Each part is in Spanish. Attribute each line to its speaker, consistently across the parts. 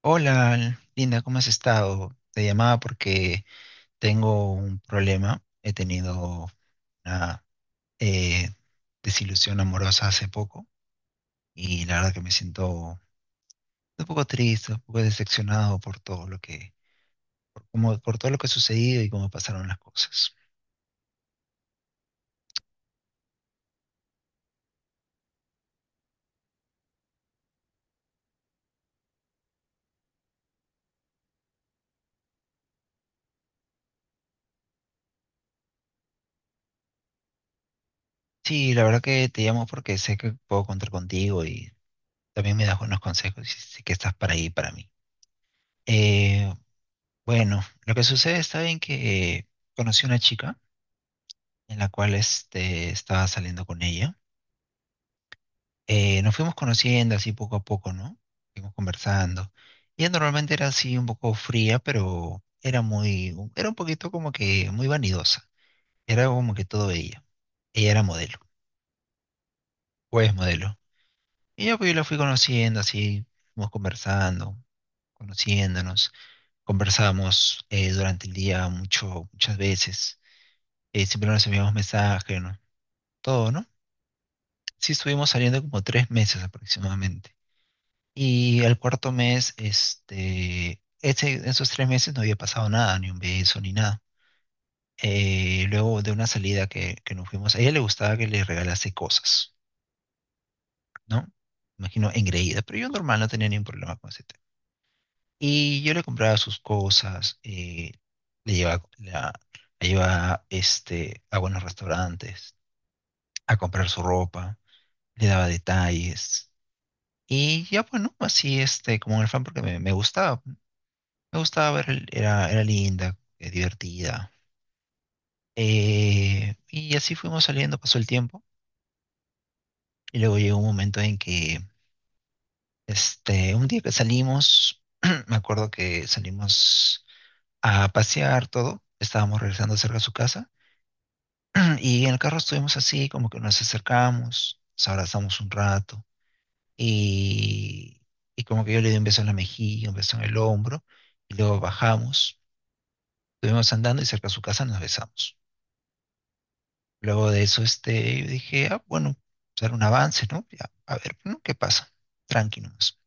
Speaker 1: Hola, Linda, ¿cómo has estado? Te llamaba porque tengo un problema. He tenido una eh, desilusión amorosa hace poco y la verdad que me siento un poco triste, un poco decepcionado por todo lo que, por todo lo que ha sucedido y cómo pasaron las cosas. Sí, la verdad que te llamo porque sé que puedo contar contigo y también me das buenos consejos y sé que estás para ahí para mí. Eh, bueno, lo que sucede está bien que conocí una chica en la cual estaba saliendo con ella. Nos fuimos conociendo así poco a poco, ¿no? Fuimos conversando. Ella normalmente era así un poco fría, pero era un poquito como que muy vanidosa. Era como que todo ella. Ella era modelo, o es modelo. Y yo, pues, yo la fui conociendo así, fuimos conversando, conociéndonos. Conversábamos durante el día mucho, muchas veces. Siempre nos enviamos mensajes, ¿no? Todo, ¿no? Sí, estuvimos saliendo como 3 meses aproximadamente. Y el cuarto mes, esos 3 meses no había pasado nada, ni un beso, ni nada. Luego de una salida que nos fuimos, a ella le gustaba que le regalase cosas, ¿no? Imagino engreída, pero yo normal no tenía ningún problema con ese tema. Y yo le compraba sus cosas, le llevaba, la, la llevaba a buenos restaurantes, a comprar su ropa, le daba detalles. Y ya, bueno, así, como un fan, porque me gustaba. Me gustaba ver, era linda, divertida. Y así fuimos saliendo, pasó el tiempo. Y luego llegó un momento en que, un día que salimos, me acuerdo que salimos a pasear todo. Estábamos regresando cerca de su casa. Y en el carro estuvimos así, como que nos acercamos, nos abrazamos un rato. Y, y como que yo le di un beso en la mejilla, un beso en el hombro. Y luego bajamos, estuvimos andando y cerca de su casa nos besamos. Luego de eso, dije, ah, bueno, pues, dar un avance, ¿no? Ya, a ver, ¿no? ¿Qué pasa? Tranqui nomás.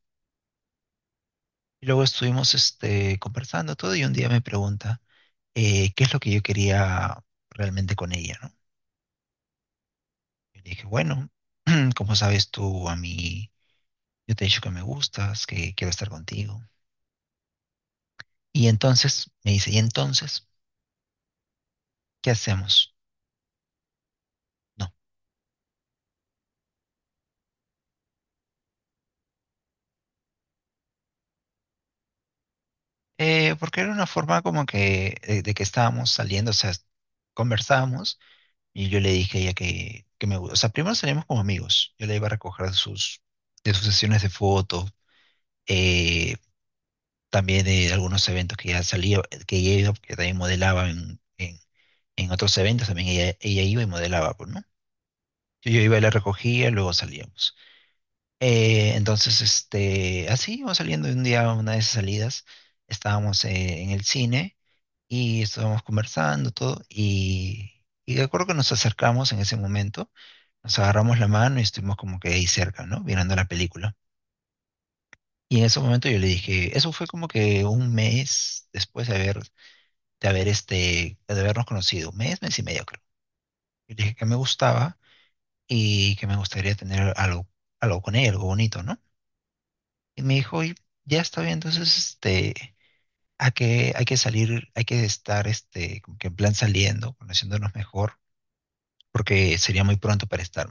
Speaker 1: Y luego estuvimos, conversando todo y un día me pregunta, ¿qué es lo que yo quería realmente con ella, ¿no? Y le dije, bueno, como sabes tú a mí, yo te he dicho que me gustas, que quiero estar contigo. Y entonces, me dice, ¿y entonces qué hacemos? No. Porque era una forma como que, de que estábamos saliendo, o sea, conversábamos. Y yo le dije a ella que me gusta. O sea, primero salimos como amigos. Yo la iba a recoger de sus, sesiones de fotos, eh, también de algunos eventos que ella salía, que ella iba, porque también modelaba en otros eventos, también ella iba y modelaba, pues, ¿no? Yo iba y la recogía, luego salíamos. Entonces, así íbamos saliendo y un día, una de esas salidas, estábamos en el cine y estábamos conversando todo y de acuerdo que nos acercamos en ese momento. Nos agarramos la mano y estuvimos como que ahí cerca, ¿no? Mirando la película. Y en ese momento yo le dije, eso fue como que un mes después de habernos conocido, un mes, mes y medio creo. Yo le dije que me gustaba y que me gustaría tener algo, algo con ella, algo bonito, ¿no? Y me dijo, y ya está bien, entonces hay que salir, hay que estar como que en plan saliendo, conociéndonos mejor, porque sería muy pronto para estar.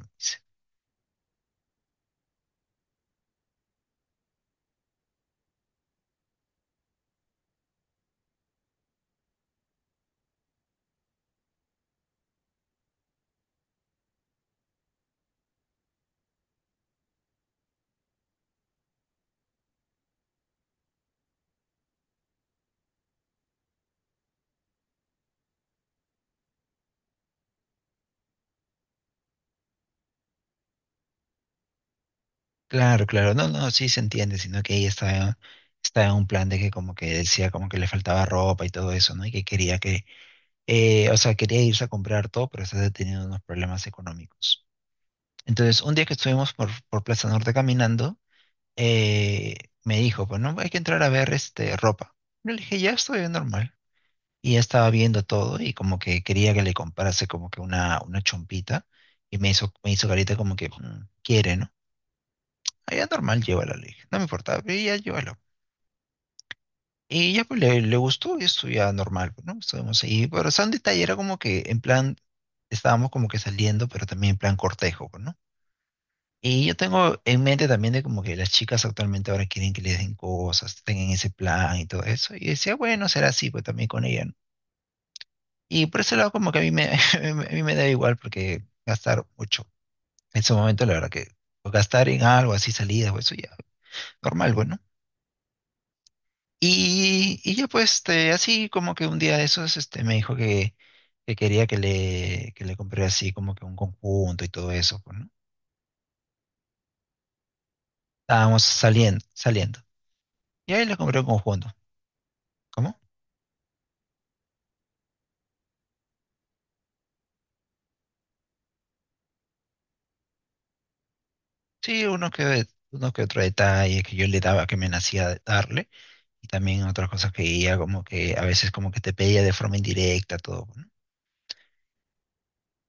Speaker 1: Claro, claro, no, no, sí se entiende, sino que ella estaba en un plan de que como que decía como que le faltaba ropa y todo eso, ¿no? Y que quería que, o sea, quería irse a comprar todo, pero estaba teniendo unos problemas económicos. Entonces, un día que estuvimos por Plaza Norte caminando, eh, me dijo, pues no, hay que entrar a ver este ropa. Yo le dije, ya estoy bien normal. Y ella estaba viendo todo y como que quería que le comprase como que una chompita y me hizo carita como que "Mm, quiere, ¿no? Allá normal lleva la ley no me importa, ella llévalo. Y ya pues le gustó y esto ya normal, pues, ¿no? Estuvimos ahí, pero o sea, un detalle era como que en plan, estábamos como que saliendo, pero también en plan cortejo, pues, ¿no? Y yo tengo en mente también de como que las chicas actualmente ahora quieren que les den cosas, tengan ese plan y todo eso. Y decía, bueno, será así, pues también con ella, ¿no? Y por ese lado como que a mí me da igual porque gastar mucho. En su momento, la verdad que pues, gastar en algo así, salidas o eso ya, normal, bueno. Y ya pues, así como que un día de esos, me dijo que quería que le compré así como que un conjunto y todo eso, pues, ¿no? Estábamos saliendo, saliendo. Y ahí le compré un conjunto. ¿Cómo? Sí, uno que otro detalle que yo le daba, que me nacía de darle. Y también otras cosas que ella como que a veces como que te pedía de forma indirecta todo, pues, ¿no?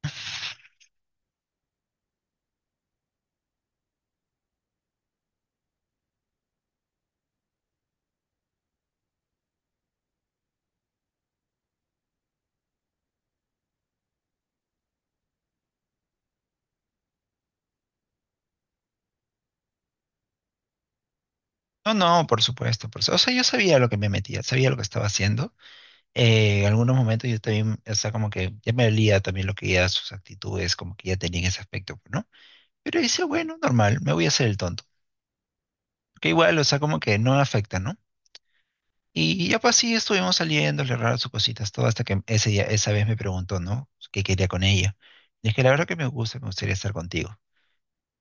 Speaker 1: No, no, por supuesto, O sea, yo sabía lo que me metía, sabía lo que estaba haciendo. En algunos momentos yo también, o sea, como que ya me olía también lo que ya sus actitudes, como que ya tenían ese aspecto, pues, ¿no? Pero dice, bueno, normal, me voy a hacer el tonto. Que igual, o sea, como que no afecta, ¿no? Y ya pues sí, estuvimos saliendo, le raro sus cositas, todo hasta que ese día, esa vez me preguntó, ¿no? ¿Qué quería con ella? Le dije, la verdad que me gusta, me gustaría estar contigo.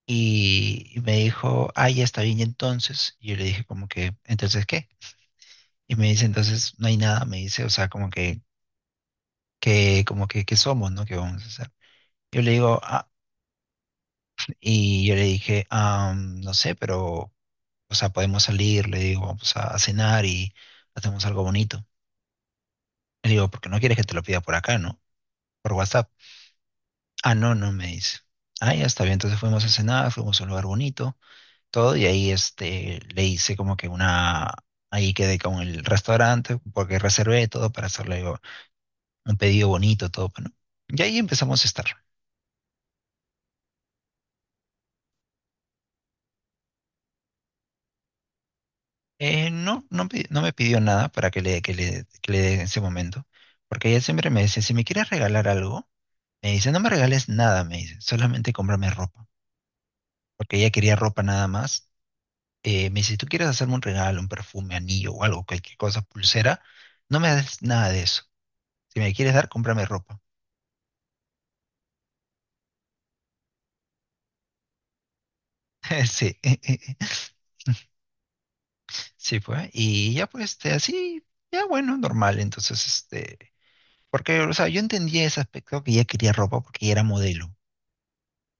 Speaker 1: Y me dijo, ah, ya está bien, y entonces, y yo le dije como que, ¿entonces qué? Y me dice, entonces no hay nada, me dice, o sea, como que, ¿qué somos, no? ¿Qué vamos a hacer? Yo le digo, ah, y yo le dije, ah, no sé, pero, o sea, podemos salir, le digo, vamos a cenar y hacemos algo bonito. Le digo, porque no quieres que te lo pida por acá, ¿no? Por WhatsApp. Ah, no, no, me dice. Ah, ya está bien. Entonces fuimos a cenar, fuimos a un lugar bonito, todo, y ahí le hice como que una, ahí quedé con el restaurante, porque reservé todo para hacerle un pedido bonito, todo, ¿no? Y ahí empezamos a estar. No, no, no me pidió nada para que le dé en ese momento, porque ella siempre me dice, si me quieres regalar algo, me dice, no me regales nada, me dice, solamente cómprame ropa, porque ella quería ropa nada más. Me dice, si tú quieres hacerme un regalo, un perfume, anillo o algo, cualquier cosa, pulsera, no me des nada de eso. Si me quieres dar, cómprame ropa. Sí, sí, pues. Y ya pues, así, ya bueno, normal. Entonces, porque, o sea, yo entendía ese aspecto que ella quería ropa porque ella era modelo.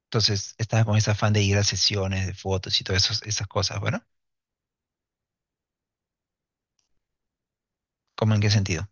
Speaker 1: Entonces, estaba con ese afán de ir a sesiones de fotos y todas esas cosas, bueno. ¿Cómo en qué sentido?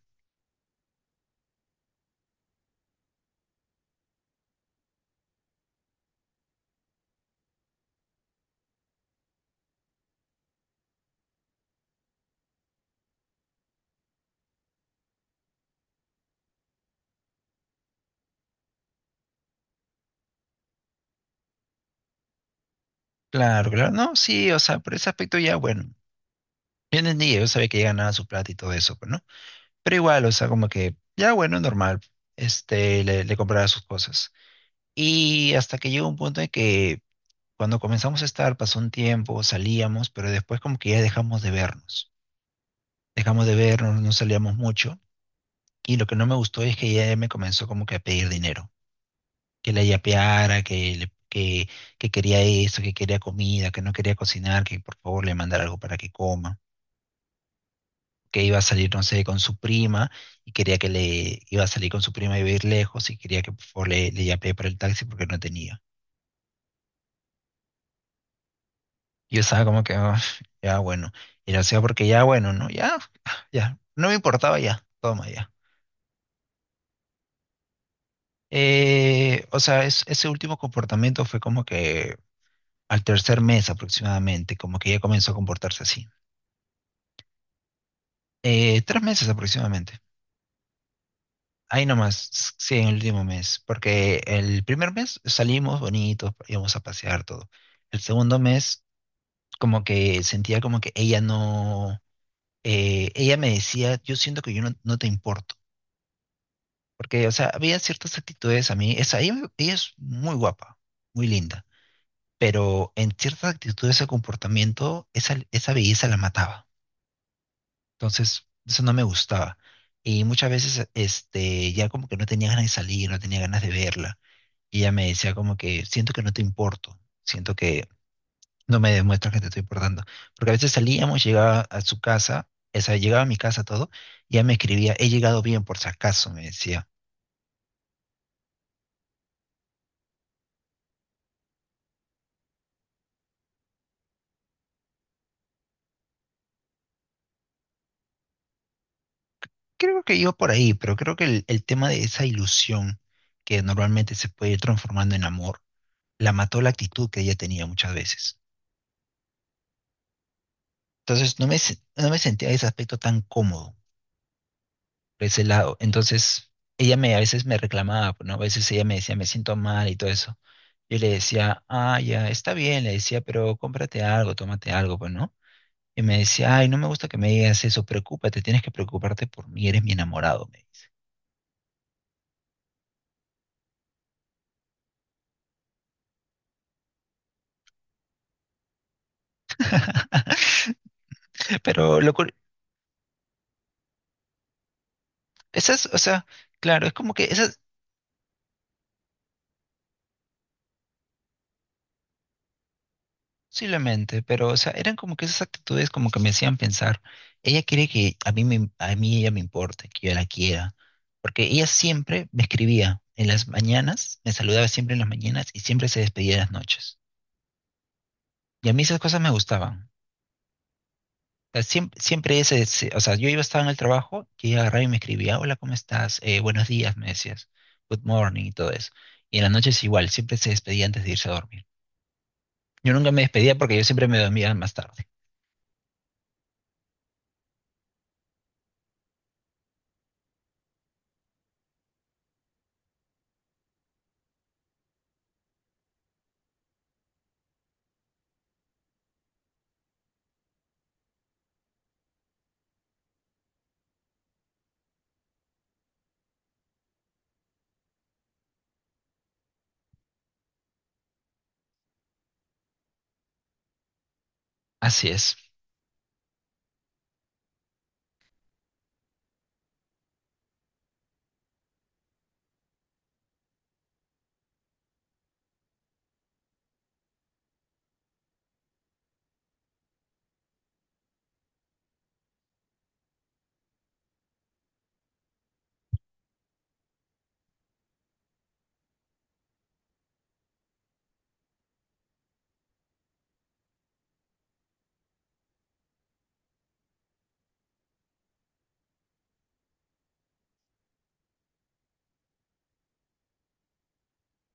Speaker 1: Claro, claro, no, sí, o sea, por ese aspecto ya, bueno, yo entendí, yo sabía que ya ganaba su plata y todo eso, pues, ¿no? Pero igual, o sea, como que, ya, bueno, normal, le compraba sus cosas. Y hasta que llegó un punto en que cuando comenzamos a estar, pasó un tiempo, salíamos, pero después como que ya dejamos de vernos, no salíamos mucho, y lo que no me gustó es que ella me comenzó como que a pedir dinero. Que la yapeara, que quería eso, que quería comida, que no quería cocinar, que por favor le mandara algo para que coma, que iba a salir, no sé, con su prima y quería que le iba a salir con su prima y iba a ir lejos y quería que por favor le yapee para el taxi porque no tenía. Yo estaba como que, "Ah, ya bueno, y lo hacía porque ya bueno, ¿no? Ya, ya, no me importaba ya, toma ya. O sea, ese último comportamiento fue como que al tercer mes aproximadamente, como que ya comenzó a comportarse así. Tres meses aproximadamente. Ahí nomás, sí, en el último mes. Porque el primer mes salimos bonitos, íbamos a pasear todo. El segundo mes, como que sentía como que ella no. Ella me decía, yo siento que yo no, no te importo. Porque, o sea, había ciertas actitudes a mí. Ella es muy guapa, muy linda. Pero en ciertas actitudes, ese comportamiento, esa belleza la mataba. Entonces, eso no me gustaba. Y muchas veces, ya como que no tenía ganas de salir, no tenía ganas de verla. Y ella me decía como que siento que no te importo, siento que no me demuestras que te estoy importando. Porque a veces salíamos, llegaba a su casa, o sea, llegaba a mi casa todo, y ella me escribía, he llegado bien por si acaso, me decía. Creo que iba por ahí, pero creo que el tema de esa ilusión que normalmente se puede ir transformando en amor, la mató la actitud que ella tenía muchas veces. Entonces no me sentía en ese aspecto tan cómodo por ese lado. Entonces, a veces me reclamaba, pues, ¿no? A veces ella me decía, me siento mal y todo eso. Yo le decía, ah, ya, está bien, le decía, pero cómprate algo, tómate algo, pues, ¿no? Y me decía, ay, no me gusta que me digas eso, preocúpate, tienes que preocuparte por mí, eres mi enamorado, me dice. Pero esas, o sea, claro, es como que esa. Posiblemente, pero o sea, eran como que esas actitudes como que me hacían pensar, ella quiere que a mí ella me importe, que yo la quiera, porque ella siempre me escribía en las mañanas, me saludaba siempre en las mañanas y siempre se despedía en las noches. Y a mí esas cosas me gustaban. O sea, siem- siempre, ese, se- o sea, yo iba estaba en el trabajo y ella agarraba y me escribía, hola, ¿cómo estás? Buenos días, me decías, good morning y todo eso. Y en las noches igual, siempre se despedía antes de irse a dormir. Yo nunca me despedía porque yo siempre me dormía más tarde. Así es.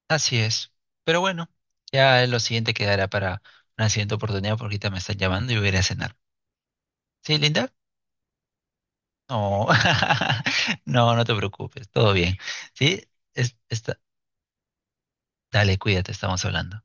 Speaker 1: Así es. Pero bueno, ya lo siguiente quedará para una siguiente oportunidad porque ahorita me están llamando y voy a ir a cenar. ¿Sí, Linda? No, no, no te preocupes, todo bien. Sí, es- está- dale, cuídate, estamos hablando.